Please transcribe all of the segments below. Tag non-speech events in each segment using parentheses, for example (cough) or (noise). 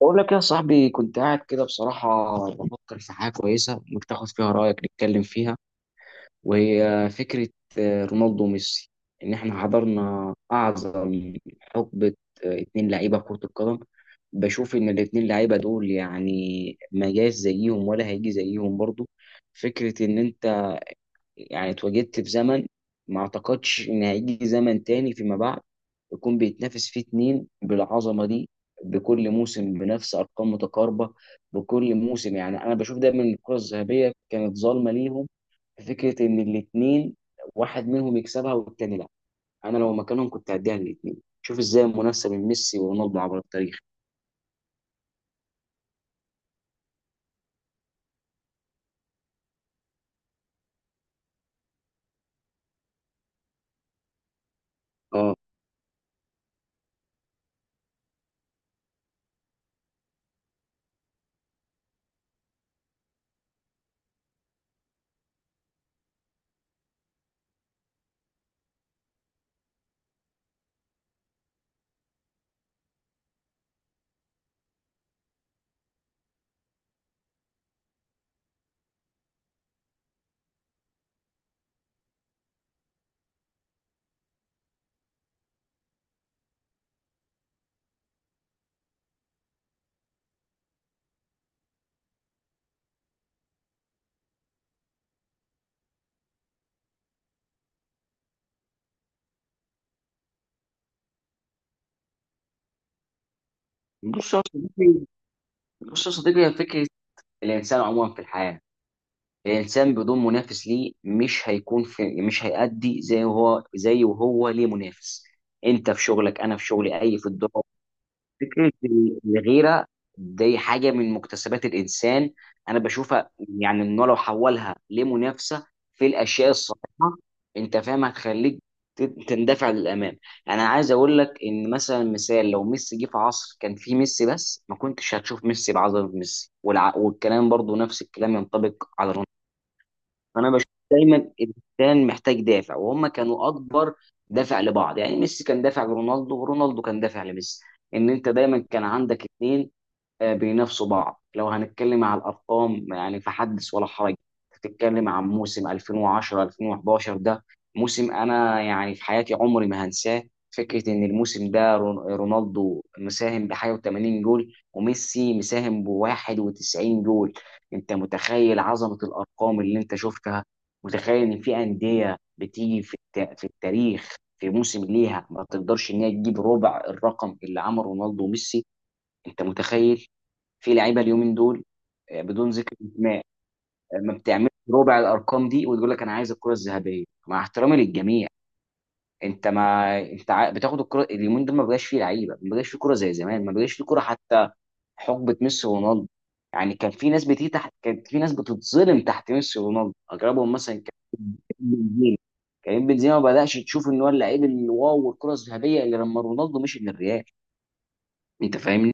بقول لك يا صاحبي، كنت قاعد كده بصراحة بفكر في حاجة كويسة ممكن تاخد فيها رأيك نتكلم فيها. وهي فكرة رونالدو وميسي. إن إحنا حضرنا أعظم حقبة اتنين لعيبة كرة القدم. بشوف إن الاتنين لعيبة دول يعني ما جاش زيهم ولا هيجي زيهم برضه. فكرة إن أنت يعني اتواجدت في زمن ما اعتقدش ان هيجي زمن تاني فيما بعد يكون بيتنافس فيه اتنين بالعظمه دي بكل موسم بنفس ارقام متقاربه. بكل موسم يعني انا بشوف دايما إن الكره الذهبيه كانت ظالمه ليهم. في فكره ان الاتنين واحد منهم يكسبها والتاني لا. انا لو مكانهم كنت هديها للاتنين. شوف ازاي المنافسه بين ميسي ورونالدو عبر التاريخ. اه. بص يا صديقي بص يا صديقي، هي فكره. الانسان عموما في الحياه، الانسان بدون منافس ليه مش هيكون في مش هيأدي زي هو، زي وهو ليه منافس. انت في شغلك، انا في شغلي، اي في الدور. فكره الغيره دي حاجه من مكتسبات الانسان، انا بشوفها، يعني انه لو حولها لمنافسه في الاشياء الصحيحه انت فاهم هتخليك تندفع للامام. انا عايز اقول لك ان مثلا مثال لو ميسي جه في عصر كان فيه ميسي بس ما كنتش هتشوف ميسي بعظمه ميسي، والكلام برضو نفس الكلام ينطبق على رونالدو. انا بشوف دايما الانسان محتاج دافع، وهم كانوا اكبر دافع لبعض. يعني ميسي كان دافع لرونالدو، ورونالدو كان دافع لميسي. ان انت دايما كان عندك اتنين بينافسوا بعض. لو هنتكلم على الارقام يعني فحدث ولا حرج. تتكلم عن موسم 2010 2011، ده موسم انا يعني في حياتي عمري ما هنساه. فكره ان الموسم ده رونالدو مساهم بحاجه و80 جول، وميسي مساهم ب 91 جول. انت متخيل عظمه الارقام اللي انت شفتها؟ متخيل ان في انديه بتيجي في في التاريخ في موسم ليها ما تقدرش ان هي تجيب ربع الرقم اللي عمله رونالدو وميسي؟ انت متخيل؟ في لعيبه اليومين دول، بدون ذكر اسماء، ما بتعملش ربع الارقام دي وتقول لك انا عايز الكره الذهبيه، مع احترامي للجميع. انت ما انت بتاخد الكره اليومين دول ما بقاش فيه لعيبه، ما بقاش فيه كره زي زمان، ما بقاش فيه كره حتى. حقبه ميسي ورونالدو يعني كان في ناس بتيجي تحت، كانت في ناس بتتظلم تحت ميسي ورونالدو. اقربهم مثلا كان بنزيما، كريم بنزيما، ما بدأش تشوف ان هو اللعيب الواو والكره الذهبيه اللي لما رونالدو مشي للريال. انت فاهمني؟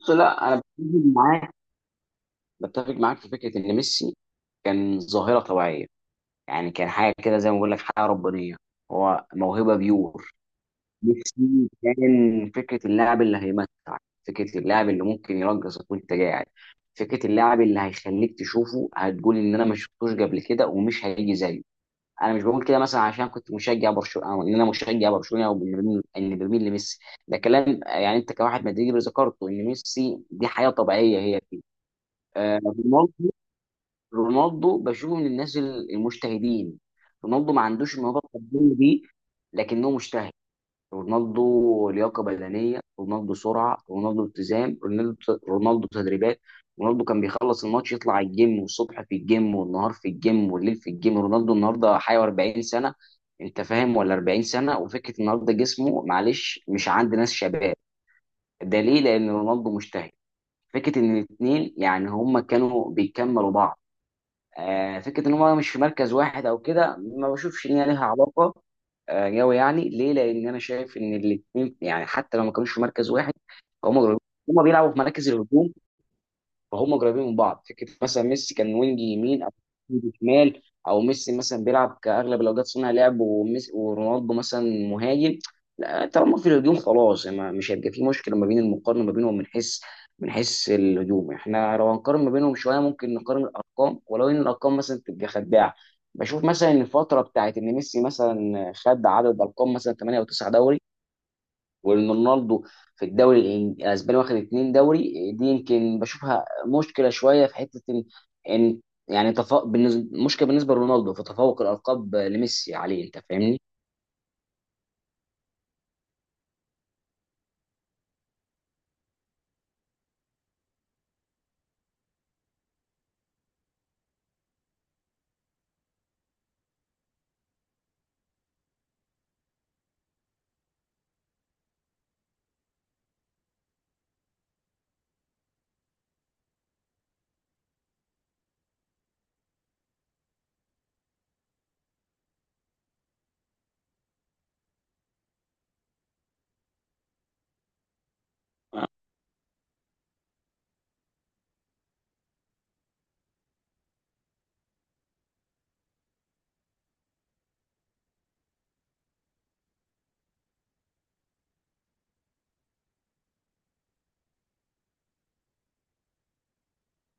بص، لا انا بتفق معاك في فكره ان ميسي كان ظاهره طبيعيه، يعني كان حاجه كده زي ما بقول لك حاجه ربانيه. هو موهبه بيور. نفسي كان فكرة اللاعب اللي هيمتعك، فكرة اللاعب اللي ممكن يرقصك وانت قاعد، فكرة اللاعب اللي هيخليك تشوفه هتقول ان انا ما شفتوش قبل كده ومش هيجي زيه. انا مش بقول كده مثلا عشان كنت مشجع برشلونة، او ان انا مشجع برشلونة، او إن برميل لميسي. ده كلام يعني انت كواحد مدريدي ذكرته ان ميسي دي حياة طبيعية هي فيه. آه، رونالدو رونالدو بشوفه من الناس المجتهدين. رونالدو ما عندوش الموهبة الفردية دي، لكنه مجتهد. رونالدو لياقه بدنيه، رونالدو سرعه، رونالدو التزام، رونالدو تدريبات. رونالدو كان بيخلص الماتش يطلع على الجيم، والصبح في الجيم والنهار في الجيم والليل في الجيم. رونالدو النهارده حي 40 سنه. انت فاهم ولا 40 سنه؟ وفكره النهارده جسمه، معلش، مش عند ناس شباب. ده ليه؟ لان رونالدو مجتهد. فكره ان الاثنين يعني هما كانوا بيكملوا بعض. فكره ان هم مش في مركز واحد او كده، ما بشوفش ان هي ليها علاقه قوي. يعني ليه؟ لان انا شايف ان الاثنين يعني حتى لو ما كانوش في مركز واحد، هم هم بيلعبوا في مراكز الهجوم، فهم قريبين من بعض. فكره مثلا ميسي كان وينج يمين او وينج شمال، او ميسي مثلا بيلعب كاغلب الاوقات صانع لعب، وميسي ورونالدو مثلا مهاجم. لا، طالما في الهجوم خلاص يعني مش هيبقى في مشكله ما بين المقارنه ما بينهم من حيث من حيث الهجوم. احنا لو هنقارن ما بينهم شويه ممكن نقارن الارقام، ولو ان الارقام مثلا تبقى خداعه. بشوف مثلا ان الفتره بتاعت ان ميسي مثلا خد عدد ارقام مثلا 8 او 9 دوري، وان رونالدو في الدوري الاسباني واخد اتنين دوري، دي يمكن بشوفها مشكله شويه في حته ان يعني تفوق بالنسبه، مشكله بالنسبه لرونالدو في تفوق الالقاب لميسي عليه. انت فاهمني؟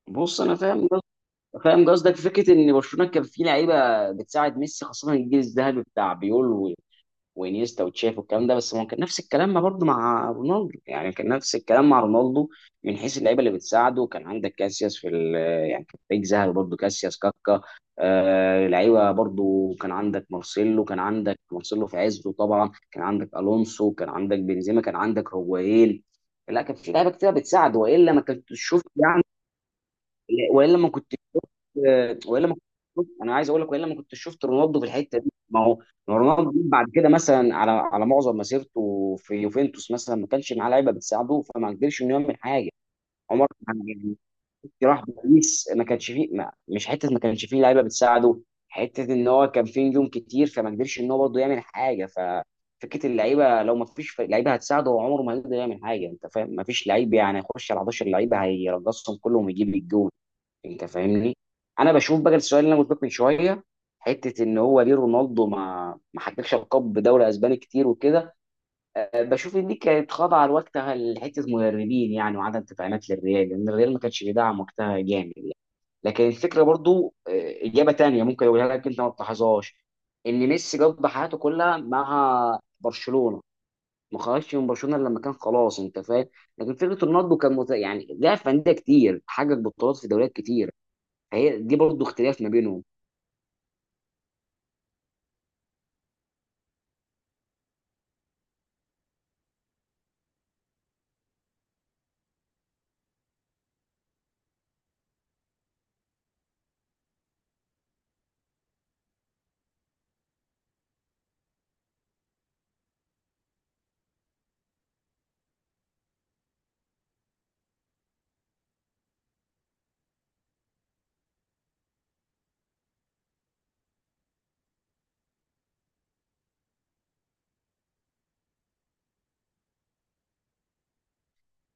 بص انا فاهم قصدك. فكره ان برشلونه كان في لعيبه بتساعد ميسي، خاصه الجيل الذهبي بتاع بيول وانيستا وتشافي والكلام ده. بس ما هو كان نفس الكلام ما برضه مع رونالدو، يعني كان نفس الكلام مع رونالدو من حيث اللعيبه اللي بتساعده. كان عندك كاسياس يعني كان فريق ذهبي برضه. كاسياس، كاكا، آه لعيبه برضه. كان عندك مارسيلو في عزه طبعا، كان عندك الونسو، كان عندك بنزيما، كان عندك هوايين. لا كان في لعيبه كتير بتساعد والا ما كنت تشوف. لا، والا ما كنت شفت. انا عايز اقول لك، والا ما كنت شفت رونالدو في الحته دي. ما هو رونالدو بعد كده مثلا، على معظم مسيرته في يوفنتوس مثلا ما كانش معاه لعيبه بتساعده، فما قدرش انه يعمل حاجه. عمر يعني راح باريس، ما كانش فيه لعيبه بتساعده. حته ان هو كان فيه نجوم كتير فما قدرش ان هو برضه يعمل حاجه. ففكره اللعيبه، لو ما فيش لعيبه هتساعده، هو عمره ما هيقدر يعمل حاجه. انت فاهم ما فيش لعيب؟ يعني هيخش على 11 لعيبه هيرقصهم كلهم ويجيب الجول؟ انت فاهمني. انا بشوف بقى السؤال اللي انا قلت لك من شويه حته ان هو ليه رونالدو ما حققش القاب بدوري اسباني كتير وكده. بشوف ان دي كانت خاضعه لوقتها لحته مدربين، يعني وعدم تدعيمات للريال، لان الريال ما كانش بيدعم وقتها جامد يعني. لكن الفكره برضو، اجابه تانية ممكن اقولها لك انت ما تلاحظهاش، ان ميسي قضى حياته كلها مع برشلونه، ما خرجش من برشلونه إلا لما كان خلاص، انت فاهم. لكن فكره رونالدو كان يعني لعب في انديه كتير، حقق بطولات في دوريات كتير. هي دي برضه اختلاف ما بينهم.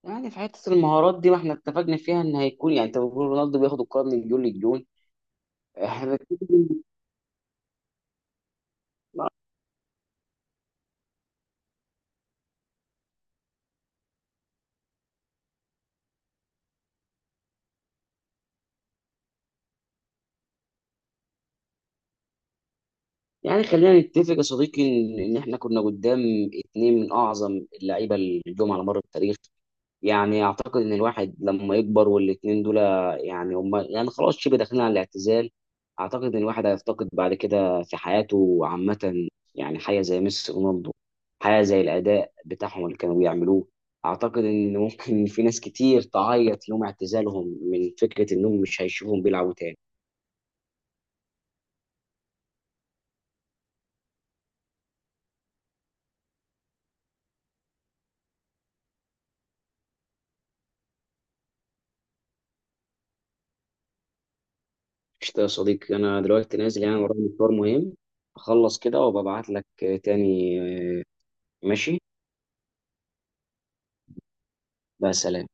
يعني في حته المهارات دي ما احنا اتفقنا فيها ان هيكون، يعني انت بتقول رونالدو بياخد الكره من جون للجون. احنا بنتكلم- يعني خلينا نتفق يا صديقي ان احنا كنا قدام اتنين من اعظم اللعيبه اللي جم على مر التاريخ. يعني اعتقد ان الواحد لما يكبر، والاتنين دول يعني هم، يعني خلاص شبه داخلين على الاعتزال. اعتقد ان الواحد هيفتقد بعد كده في حياته عامة، يعني حاجة زي ميسي، رونالدو، حاجة زي الاداء بتاعهم اللي كانوا بيعملوه. اعتقد ان ممكن (laughs) في ناس كتير تعيط يوم اعتزالهم من فكرة انهم مش هيشوفهم بيلعبوا تاني. قشطة يا صديقي، انا دلوقتي نازل يعني ورايا مشوار مهم. اخلص كده وببعت لك تاني. ماشي. بس.